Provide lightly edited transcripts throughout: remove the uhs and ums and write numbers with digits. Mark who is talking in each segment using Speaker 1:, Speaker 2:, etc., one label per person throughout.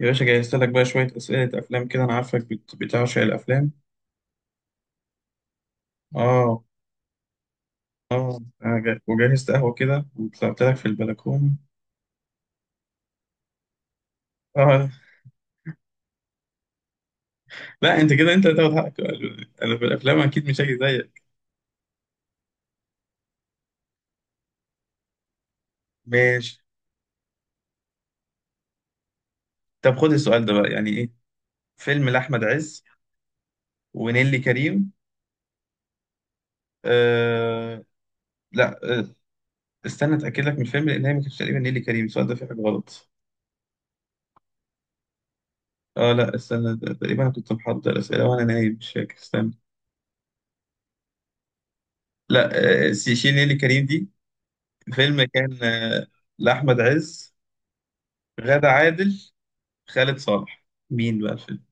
Speaker 1: يا باشا جهزت لك بقى شوية أسئلة أفلام كده، أنا عارفك بتعشق الأفلام. آه. آه أنا وجهزت قهوة كده وطلعت لك في البلكونة. آه، لا أنت كده، أنت اللي هتاخد حقك. أنا في الأفلام أكيد مش هاجي زيك. ماشي. طب خد السؤال ده بقى، يعني إيه فيلم لأحمد عز ونيلي كريم؟ آه، لا، آه، استنى أتأكد لك من الفيلم، لأن هي ما كانتش تقريبا نيلي كريم، السؤال ده فيه حاجة غلط. آه، لا، استنى، تقريبا أنا كنت محضر الأسئلة وأنا نايم، مش فاكر. استنى. لا، آه، شيل نيلي كريم دي. فيلم كان، لأحمد عز، غادة عادل، خالد صالح، مين بقى الفيلم؟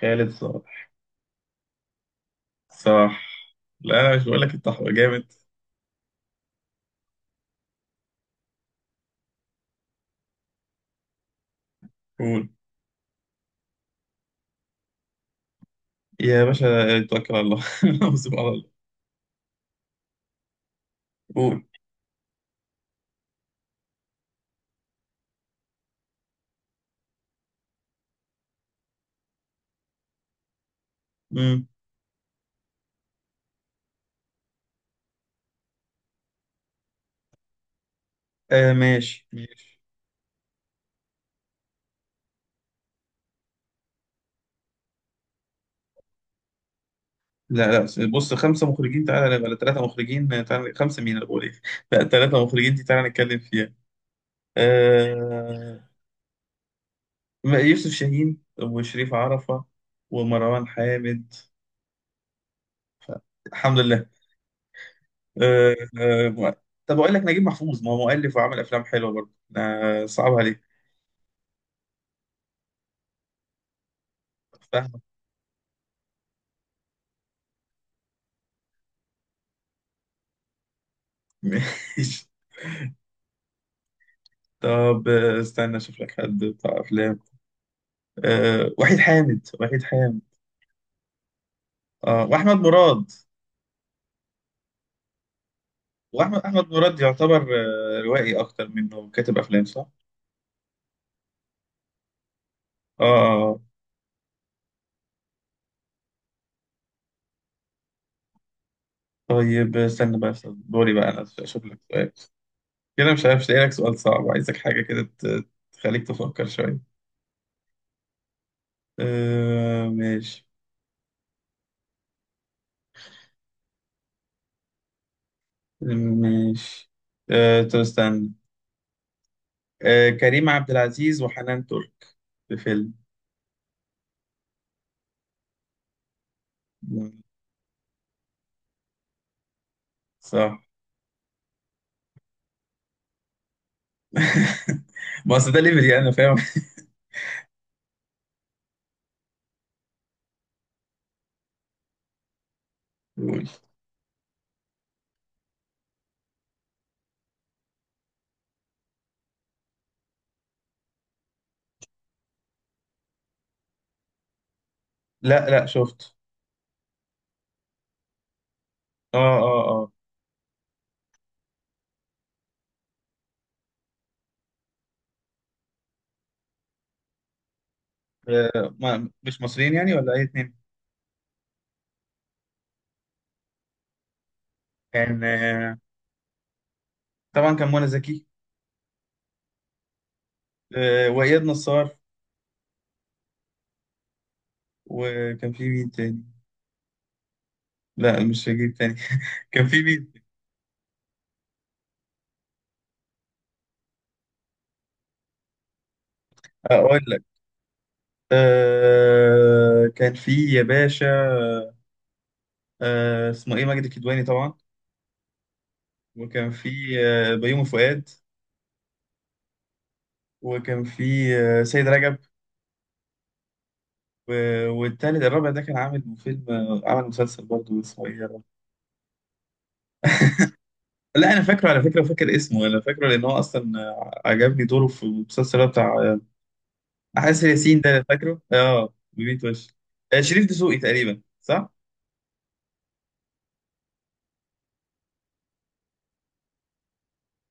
Speaker 1: خالد صالح صح. لا، أنا مش بقول لك انت جامد. قول يا باشا، توكل على الله. سبحان الله. قول. امم. آه ماشي ماشي. لا لا، بص، خمسة مخرجين، تعالى نبقى ثلاثة مخرجين، تعالى خمسة مين، أنا بقول إيه. لا، ثلاثة مخرجين دي تعالى نتكلم فيها. آه. يوسف شاهين وشريف عرفة ومروان حامد. الحمد لله. أه، أه. طب اقول لك نجيب محفوظ ما هو مؤلف وعمل افلام حلوه برضه. أه، صعب عليك. فاهمك. ماشي. طب، استنى اشوف لك حد بتاع افلام. أه، وحيد حامد، وحيد حامد. اه، واحمد مراد. واحمد مراد يعتبر، روائي اكتر منه كاتب افلام صح. اه، آه، آه. طيب استنى بقى، استنى، دوري بقى انا اشوف لك سؤال. كده مش عارف، مش لاقي لك سؤال صعب، عايزك حاجه كده تخليك تفكر شويه. أه ماشي ماشي. أه طب استنى. أه كريم عبد العزيز وحنان ترك في فيلم صح. ما أصل ده ليفلي، أنا فاهم. قول. لا لا، شفت. اه اه اه. ما مش مصريين يعني، ولا أي اتنين؟ كان آه طبعا كان منى زكي. آه، وإياد نصار. وكان في مين تاني؟ لا مش هجيب تاني. كان في مين؟ أقول لك. كان في يا باشا، اسمه إيه، ماجد الكدواني طبعا. وكان في، بيومي فؤاد. وكان في، سيد رجب. والتالت الرابع ده كان عامل فيلم، عمل مسلسل برضه، اسمه ايه يا رب؟ لا انا فاكره، على فكره فاكر اسمه. انا فاكره لان هو اصلا، عجبني دوره في المسلسل اللي هو بتاع، حاسس ياسين ده، فاكره اه، بميت وش. شريف دسوقي تقريبا صح.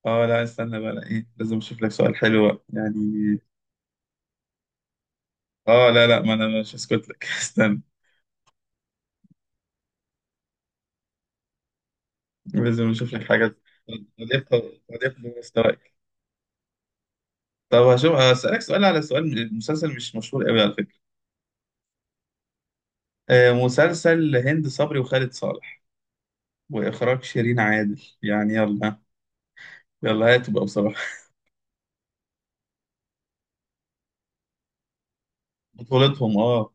Speaker 1: اه لا، استنى بقى، لا ايه، لازم اشوف لك سؤال حلو بقى يعني. اه لا لا، ما انا مش هسكت لك. استنى، لازم اشوف لك حاجه تضيف، تضيف لمستواك. طب هشوف، هسألك سؤال على سؤال من مسلسل مش مشهور قوي على فكرة. مسلسل هند صبري وخالد صالح وإخراج شيرين عادل، يعني يلا يلا، هاتوا بقى بصراحة. بطولتهم اه،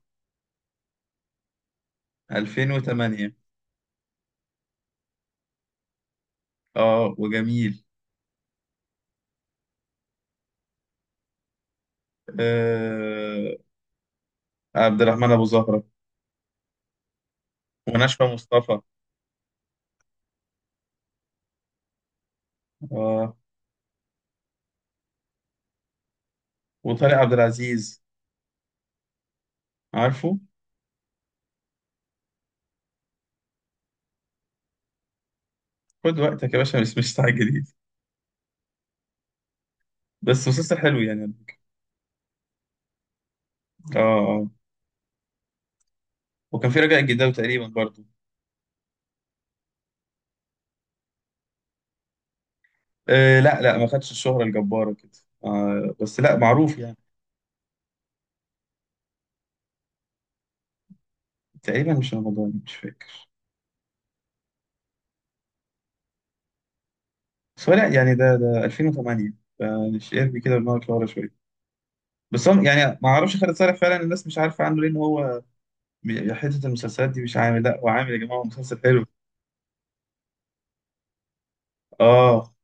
Speaker 1: 2008. اه وجميل. آه، عبد الرحمن أبو زهرة ونشوى مصطفى. اه وطارق عبد العزيز. عارفه. خد وقتك يا باشا، مش مستعجلين. بس مسلسل حلو يعني. اه اه. وكان في رجاء الجداوي تقريبا برضه. آه لا لا، ما خدش الشهرة الجبارة كده، آه بس لا معروف يعني. تقريبا مش رمضان، مش فاكر. بس هو لا يعني، ده 2008، فشيربي كده دماغك لورا شوية. بس هم يعني ما اعرفش، خالد صالح فعلا الناس مش عارفة عنه، لان هو حتة المسلسلات دي مش عامل، لا هو عامل يا جماعة، هو مسلسل حلو. اه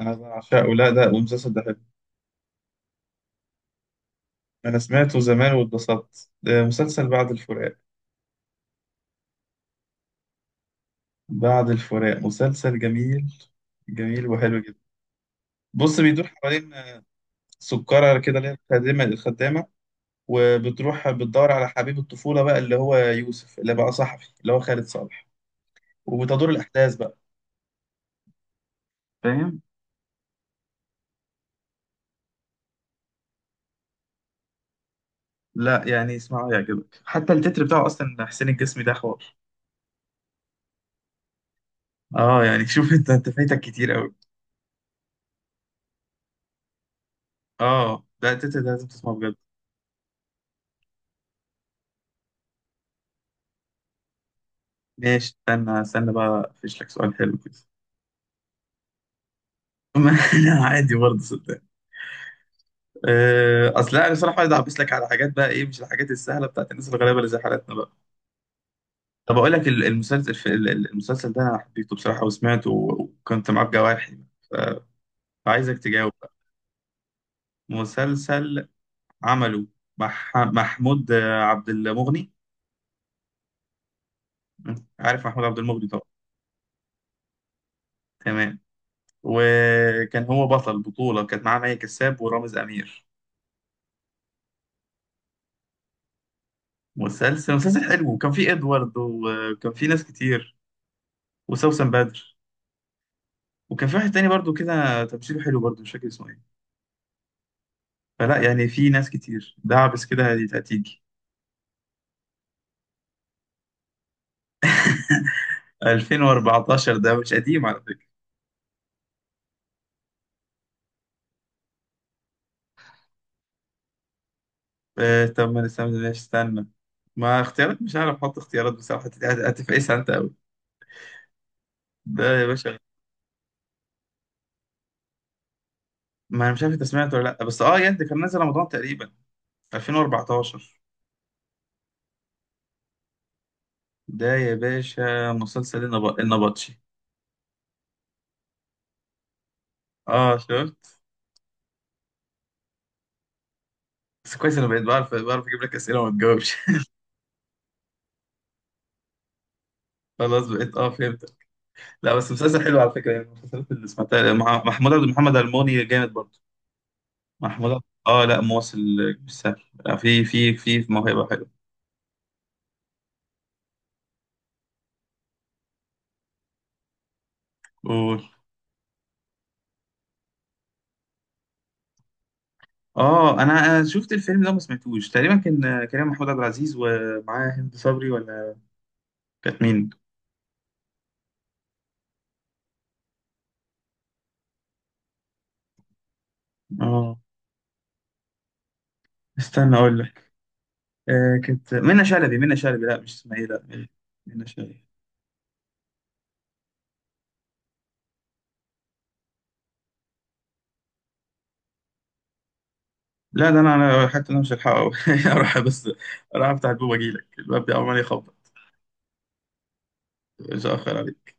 Speaker 1: انا بعشقه، لا ده المسلسل ده حلو. انا سمعته زمان واتبسطت، ده مسلسل بعد الفراق. بعد الفراق مسلسل جميل، جميل وحلو جدا. بص بيدور حوالين سكرة كده، اللي هي الخادمة الخدامة، وبتروح بتدور على حبيب الطفولة بقى اللي هو يوسف، اللي بقى صحفي اللي هو خالد صالح، وبتدور الأحداث بقى. فاهم؟ لا يعني اسمعه يعجبك، حتى التتر بتاعه أصلا حسين الجسمي، ده حوار. اه يعني شوف انت فايتك كتير قوي. اه ده التتر ده لازم تسمعه بجد. ماشي استنى، استنى بقى افيش لك سؤال حلو كده. لا عادي برضه صدق. اصل لا، انا صراحه عايز اعبس لك على حاجات بقى، ايه مش الحاجات السهله بتاعت الناس الغلابه اللي زي حالتنا بقى. طب اقول لك، المسلسل، في المسلسل ده انا حبيته بصراحه وسمعته، وكنت معاه بجوارحي. ف- فعايزك تجاوب بقى. مسلسل عمله محمود عبد المغني. عارف محمود عبد المغني طبعا. تمام. وكان هو بطل بطوله، كانت معاه مي كساب ورامز امير. مسلسل، مسلسل حلو، وكان فيه ادوارد وكان فيه ناس كتير وسوسن بدر. وكان في واحد تاني برضو كده تمثيله حلو برضو، مش فاكر اسمه ايه. فلا يعني في ناس كتير، ده عبس كده، هتيجي. 2014، ده مش قديم على فكرة. طب ما نستنى ليش، استنى، ما اختيارات مش عارف احط اختيارات بصراحة، هتفقسها انت قوي. ده يا باشا. ما انا مش عارف انت سمعت ولا لا، بس اه يعني ده كان نازل رمضان تقريبا 2014. ده يا باشا مسلسل النبطشي. اه شفت. بس كويس، انا بقيت بعرف، بعرف اجيب لك اسئله وما تجاوبش. خلاص بقيت اه فهمت. لا بس مسلسل حلو على فكره يعني. المسلسلات اللي سمعتها محمود عبد محمد الموني جامد برضه. اه لا، مواصل مش سهل، في موهبه حلوه. قول. اه انا شفت الفيلم ده، ما سمعتوش تقريبا، كان كريم محمود عبد العزيز ومعاه هند صبري، ولا كانت مين؟ اه استنى اقول لك. آه كانت منى شلبي، منى شلبي، لا مش اسمها ايه، لا. منى شلبي. لا ده انا حتى انا مش هلحقه. اروح بس، اروح افتح الباب واجي لك. الباب ده عمال يخبط، مش هأخر عليك.